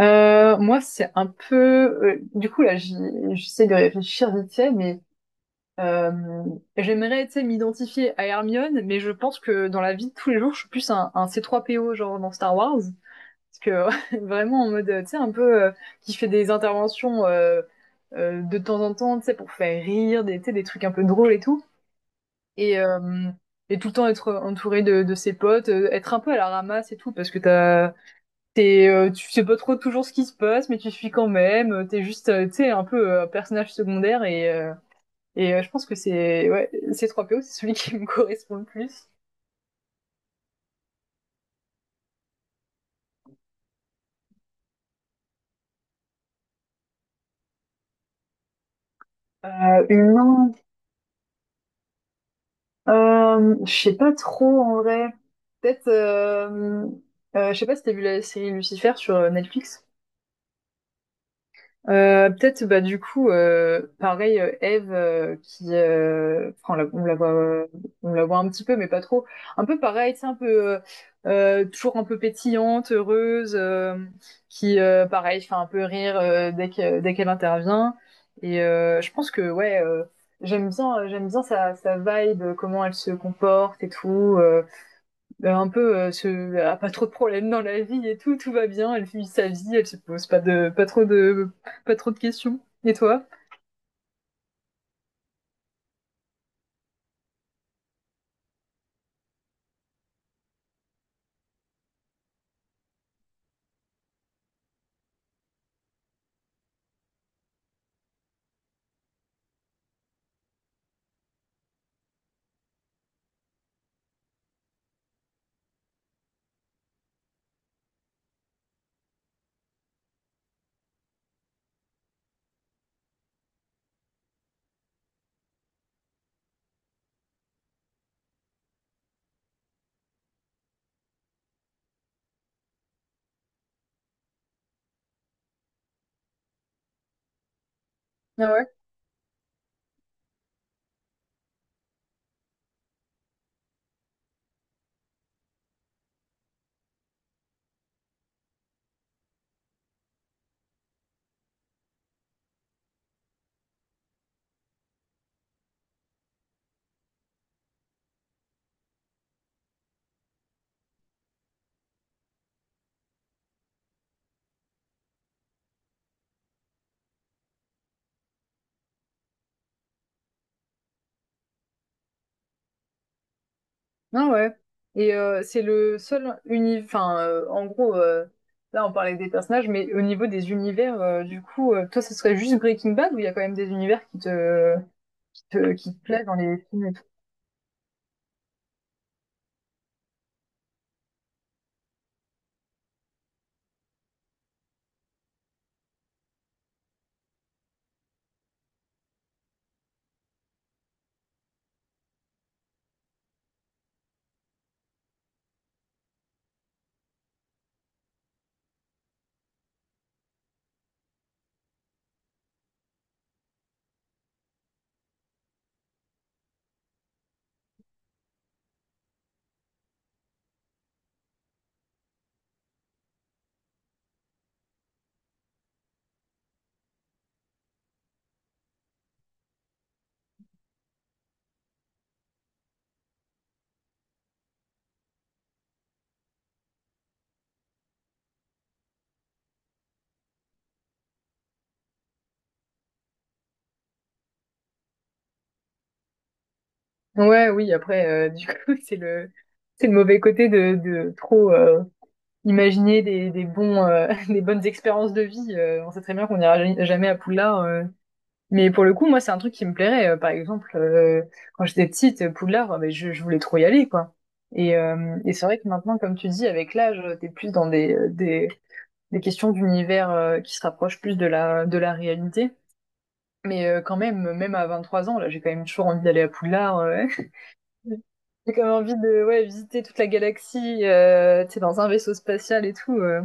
Moi, c'est un peu. Là, j'essaie de réfléchir vite fait, mais euh, j'aimerais, tu sais, m'identifier à Hermione, mais je pense que dans la vie de tous les jours, je suis plus un C3PO, genre dans Star Wars. Parce que vraiment, en mode, tu sais, un peu qui fait des interventions de temps en temps, tu sais, pour faire rire, tu sais, des trucs un peu drôles et tout. Et, euh, et tout le temps être entouré de ses potes, être un peu à la ramasse et tout, parce que t'es, tu sais pas trop toujours ce qui se passe, mais tu suis quand même. T'es juste, tu sais, un personnage secondaire et je pense que c'est ouais, C3PO, c'est celui qui me correspond le plus. Humain, je sais pas trop en vrai. Peut-être, je sais pas si t'as vu la série Lucifer sur Netflix. Peut-être bah du coup Pareil, Eve qui enfin, on la voit un petit peu mais pas trop, un peu pareil, c'est un peu toujours un peu pétillante, heureuse, qui pareil fait un peu rire dès qu'elle intervient, je pense que ouais, j'aime bien sa sa vibe, comment elle se comporte et tout, bah, un peu, ce elle a pas trop de problèmes dans la vie et tout, tout va bien, elle vit sa vie, elle se pose pas de pas trop de questions. Et toi? Ah ouais? Ah ouais. Et c'est le seul uni enfin, en gros, là on parlait des personnages, mais au niveau des univers, toi ce serait juste Breaking Bad ou il y a quand même des univers qui te qui te plaisent dans les films et tout? Ouais, oui, après, c'est le mauvais côté de trop, imaginer des bons, des bonnes expériences de vie. On sait très bien qu'on n'ira jamais à Poudlard. Mais pour le coup, moi, c'est un truc qui me plairait. Par exemple, quand j'étais petite, Poudlard, ben, je voulais trop y aller, quoi. Et c'est vrai que maintenant, comme tu dis, avec l'âge, t'es plus dans des questions d'univers qui se rapprochent plus de de la réalité. Mais quand même, même à 23 ans, là, j'ai quand même toujours envie d'aller à Poudlard. ouais. J'ai quand même envie de ouais, visiter toute la galaxie, tu sais, dans un vaisseau spatial et tout.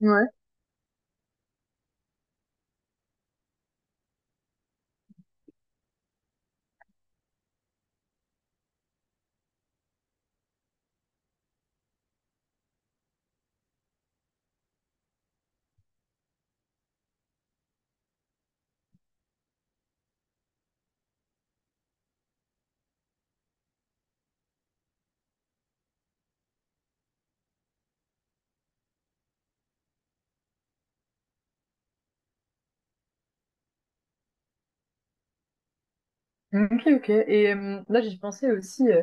Ouais. Ok, ok. Et là, j'y pensais aussi,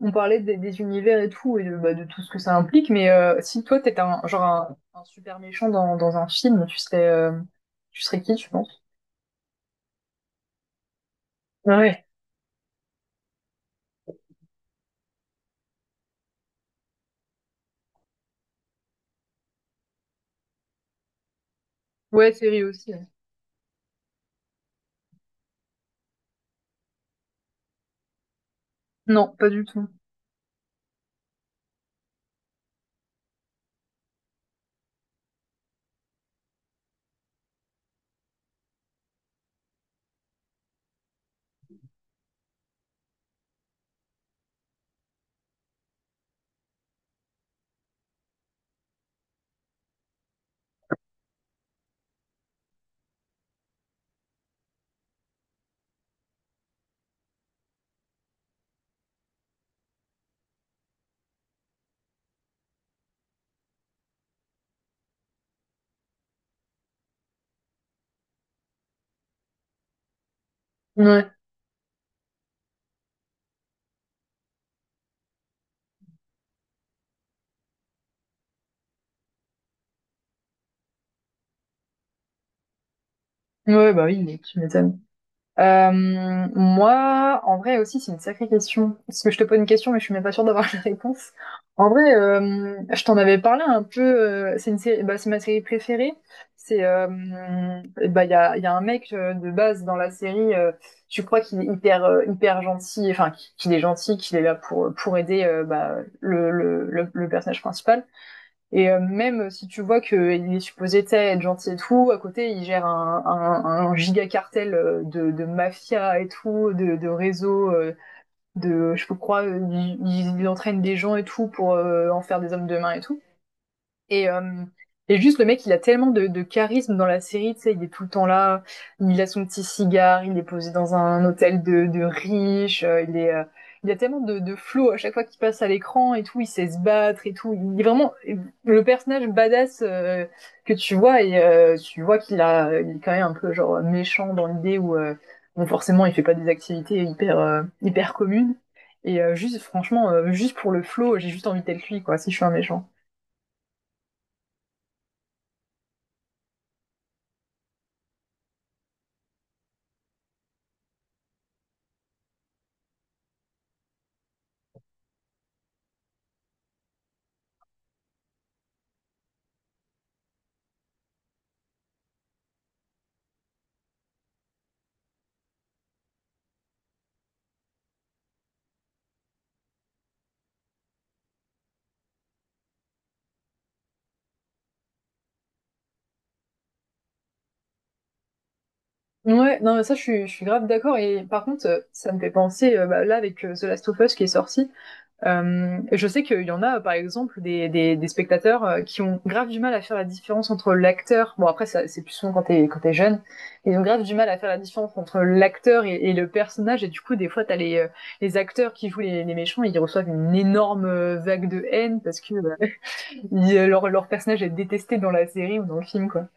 on parlait des univers et tout, et de, bah, de tout ce que ça implique, mais si toi, t'étais un super méchant dans un film, tu serais qui, tu penses? Ouais. Ouais, série aussi, ouais. Non, pas du tout. Ouais. Ouais, bah oui, mais tu m'étonnes. Euh, Moi, en vrai aussi, c'est une sacrée question. Parce que je te pose une question, mais je suis même pas sûre d'avoir la réponse. En vrai, je t'en avais parlé un peu. C'est une série, bah, c'est ma série préférée. C'est, euh, Bah, il y a un mec de base dans la série. Tu crois qu'il est hyper gentil, enfin qu'il est gentil, qu'il est là pour aider bah, le personnage principal. Et même si tu vois qu'il est supposé être gentil et tout, à côté il gère un giga cartel de mafia et tout, de réseau, de je crois, il entraîne des gens et tout pour en faire des hommes de main et tout. Et, euh, et juste, le mec, il a tellement de charisme dans la série, tu sais, il est tout le temps là, il a son petit cigare, il est posé dans un hôtel de riches, il a tellement de flow à chaque fois qu'il passe à l'écran et tout, il sait se battre et tout. Il est vraiment le personnage badass que tu vois et tu vois il est quand même un peu genre méchant dans l'idée où, bon, forcément, il fait pas des activités hyper communes. Et juste, franchement, juste pour le flow, j'ai juste envie d'être lui, quoi, si je suis un méchant. Ouais, non, mais ça, je suis grave d'accord. Et par contre, ça me fait penser, bah, là, avec The Last of Us qui est sorti, je sais qu'il y en a, par exemple, des spectateurs qui ont grave du mal à faire la différence entre l'acteur, bon, après, ça, c'est plus souvent quand quand t'es jeune, ils ont grave du mal à faire la différence entre l'acteur et le personnage. Et du coup, des fois, les acteurs qui jouent les méchants, ils reçoivent une énorme vague de haine parce que leur personnage est détesté dans la série ou dans le film, quoi.